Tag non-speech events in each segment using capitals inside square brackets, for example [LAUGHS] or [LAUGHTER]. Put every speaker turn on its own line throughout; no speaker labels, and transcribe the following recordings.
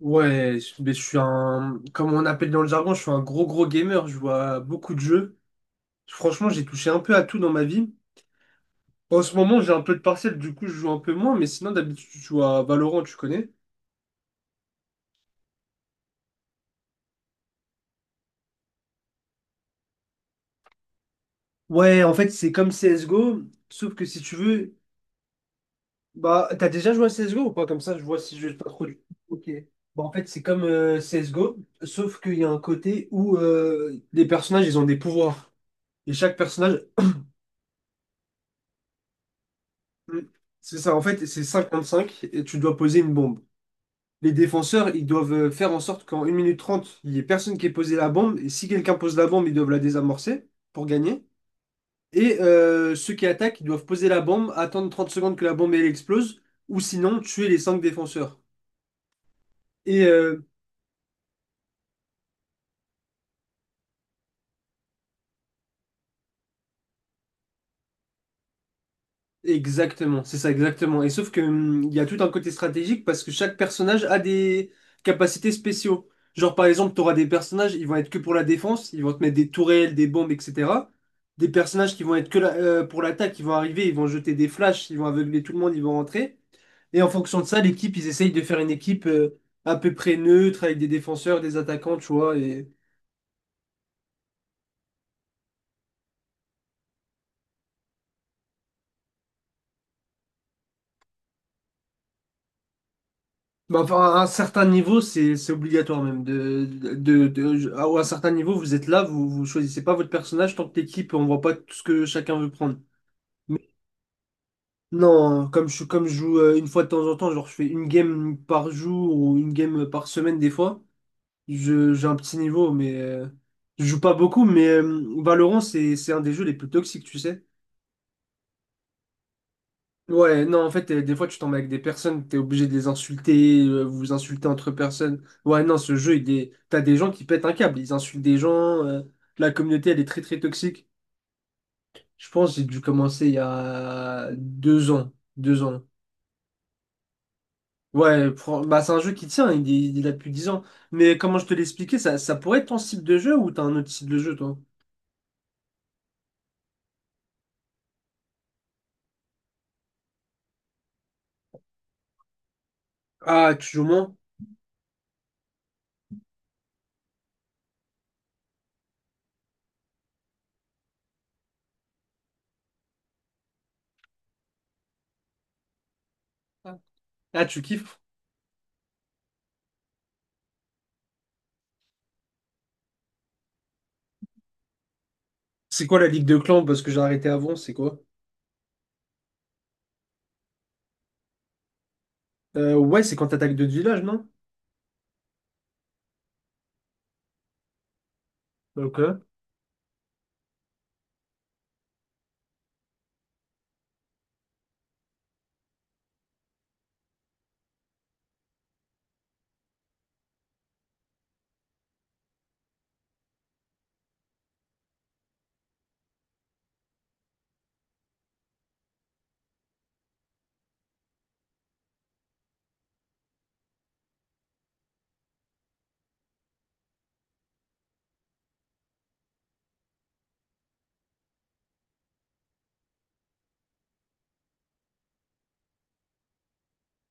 Ouais, mais je suis un, comme on appelle dans le jargon, je suis un gros gros gamer, je vois à beaucoup de jeux. Franchement, j'ai touché un peu à tout dans ma vie. En ce moment, j'ai un peu de partiel, du coup, je joue un peu moins, mais sinon, d'habitude, je joue à Valorant, tu connais? Ouais, en fait, c'est comme CSGO, sauf que si tu veux, bah, t'as déjà joué à CSGO ou pas? Comme ça, je vois si je pas trop. Ok. Bah, en fait, c'est comme CSGO, sauf qu'il y a un côté où les personnages, ils ont des pouvoirs. Et chaque personnage. Mm. C'est ça, en fait, c'est cinq et tu dois poser une bombe. Les défenseurs, ils doivent faire en sorte qu'en 1 minute 30, il n'y ait personne qui ait posé la bombe. Et si quelqu'un pose la bombe, ils doivent la désamorcer pour gagner. Et ceux qui attaquent, ils doivent poser la bombe, attendre 30 secondes que la bombe elle explose, ou sinon tuer les 5 défenseurs. Et euh, Exactement, c'est ça, exactement. Et sauf que il y a tout un côté stratégique parce que chaque personnage a des capacités spéciaux. Genre par exemple, tu auras des personnages, ils vont être que pour la défense, ils vont te mettre des tourelles, des bombes, etc. Des personnages qui vont être que pour l'attaque, ils vont arriver, ils vont jeter des flashs, ils vont aveugler tout le monde, ils vont rentrer. Et en fonction de ça, l'équipe, ils essayent de faire une équipe à peu près neutre avec des défenseurs, des attaquants, tu vois. Bah, enfin, à un certain niveau, c'est obligatoire même. À un certain niveau, vous êtes là, vous choisissez pas votre personnage tant que l'équipe, on voit pas tout ce que chacun veut prendre. Mais non, hein, comme je joue une fois de temps en temps, genre je fais une game par jour ou une game par semaine des fois, j'ai un petit niveau, mais je joue pas beaucoup, mais Valorant, c'est un des jeux les plus toxiques, tu sais. Ouais, non, en fait, des fois, tu tombes avec des personnes, t'es obligé de les insulter, vous vous insultez entre personnes. Ouais, non, ce jeu, t'as des gens qui pètent un câble, ils insultent des gens. La communauté, elle est très, très toxique. Je pense que j'ai dû commencer il y a 2 ans, 2 ans. Ouais, bah, c'est un jeu qui tient, il a plus de 10 ans. Mais comment je te l'expliquais, ça pourrait être ton style de jeu ou t'as un autre style de jeu, toi? Ah, tu joues moins? Ah, tu kiffes? C'est quoi la ligue de clans? Parce que j'ai arrêté avant, c'est quoi? Ouais, c'est quand t'attaques d'autres villages, non? Ok.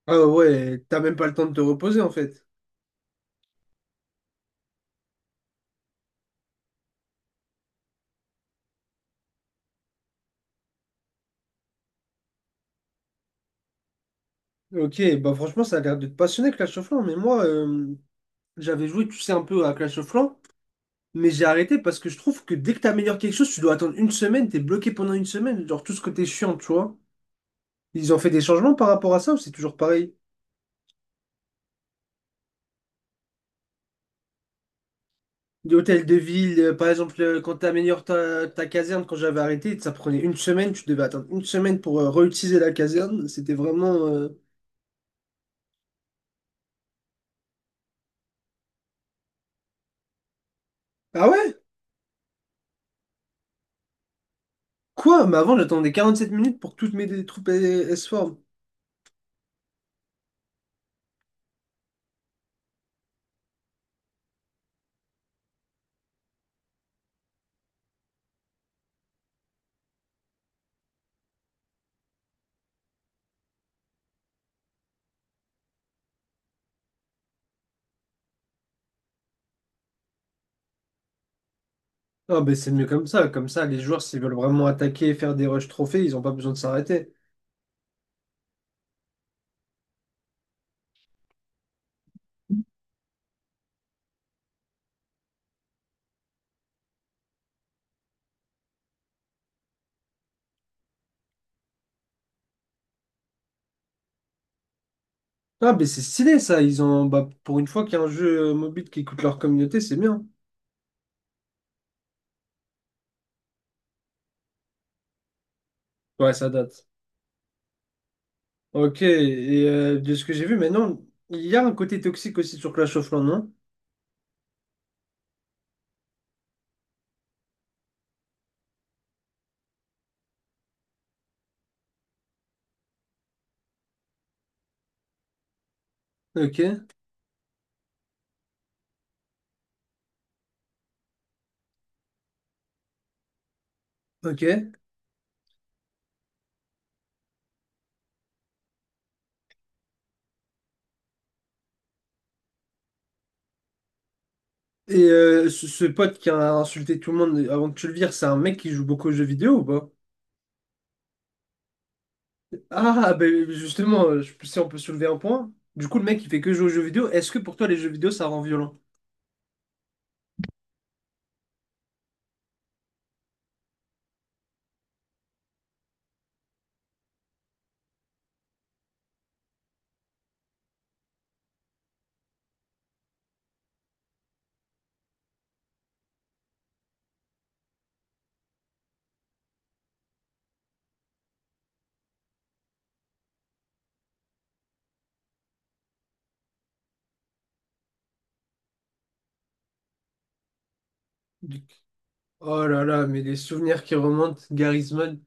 Ah ouais, t'as même pas le temps de te reposer en fait. Ok, bah franchement, ça a l'air de te passionner Clash of Clans, mais moi, j'avais joué, tu sais, un peu à Clash of Clans, mais j'ai arrêté parce que je trouve que dès que t'améliores quelque chose, tu dois attendre une semaine, t'es bloqué pendant une semaine, genre tout ce que t'es chiant, tu vois. Ils ont fait des changements par rapport à ça ou c'est toujours pareil? De hôtel de ville, par exemple, quand tu améliores ta caserne, quand j'avais arrêté, ça prenait une semaine, tu devais attendre une semaine pour réutiliser la caserne. C'était vraiment. Ah ouais? Quoi? Mais avant, j'attendais 47 minutes pour que toutes mes troupes elles se forment. Ah, ben c'est mieux comme ça. Comme ça, les joueurs, s'ils veulent vraiment attaquer et faire des rushs trophées, ils n'ont pas besoin de s'arrêter. Ah, ben c'est stylé ça. Ils ont. Bah, pour une fois qu'il y a un jeu mobile qui écoute leur communauté, c'est bien. Ouais, ça date. Ok, et de ce que j'ai vu maintenant, il y a un côté toxique aussi sur Clash of Clans, non? Ok. Ok. Ce pote qui a insulté tout le monde avant que tu le vires, c'est un mec qui joue beaucoup aux jeux vidéo ou pas? Ah, ben justement, si on peut soulever un point. Du coup, le mec, il fait que jouer aux jeux vidéo. Est-ce que pour toi, les jeux vidéo, ça rend violent? Du- Oh là là, mais les souvenirs qui remontent, Garisman.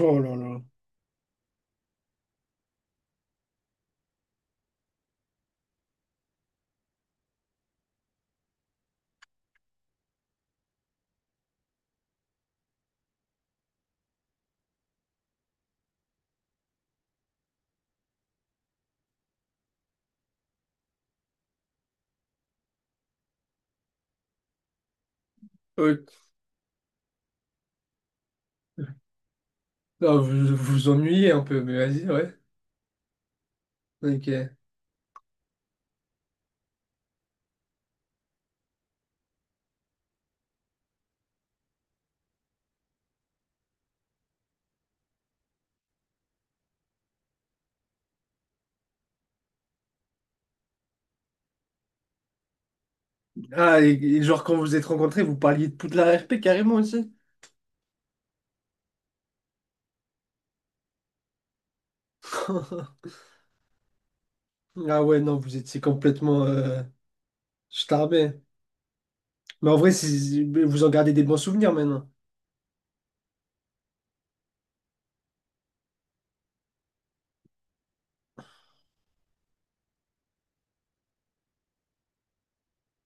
Oh là là. Ok. Ah, vous vous ennuyez un peu, mais vas-y, ouais. Ok. Ah, et genre quand vous êtes rencontrés, vous parliez de Poudlard RP carrément aussi? [LAUGHS] Ah ouais, non, vous étiez complètement starbé. Mais en vrai, vous en gardez des bons souvenirs maintenant.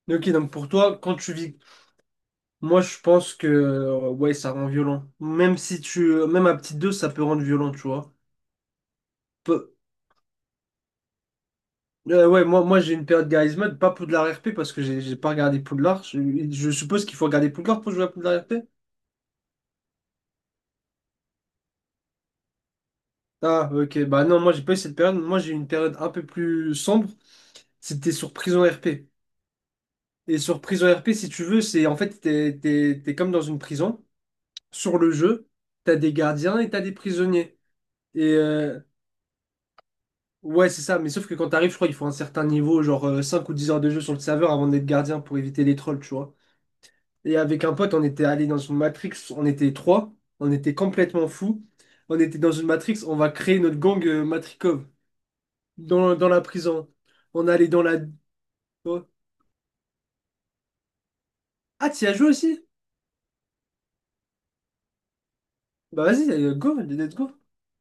Mais ok, donc pour toi, quand tu vis, moi je pense que ouais, ça rend violent. Même si tu, même à petite dose, ça peut rendre violent, tu vois. Peu- ouais, moi, moi j'ai une période Garry's Mod, pas Poudlard RP parce que j'ai pas regardé Poudlard. Je suppose qu'il faut regarder Poudlard pour jouer à Poudlard RP. Ah, ok, bah non, moi j'ai pas eu cette période. Moi j'ai eu une période un peu plus sombre. C'était sur prison RP. Et sur prison RP, si tu veux, c'est en fait, t'es comme dans une prison, sur le jeu. T'as des gardiens et t'as des prisonniers. Et euh, ouais, c'est ça. Mais sauf que quand t'arrives, je crois qu'il faut un certain niveau, genre 5 ou 10 heures de jeu sur le serveur avant d'être gardien pour éviter les trolls, tu vois. Et avec un pote, on était allé dans une matrix, on était trois, on était complètement fous. On était dans une matrix, on va créer notre gang Matrikov dans la prison. On allait dans la. Oh. Ah, t'y as joué aussi? Bah vas-y, go, let's go.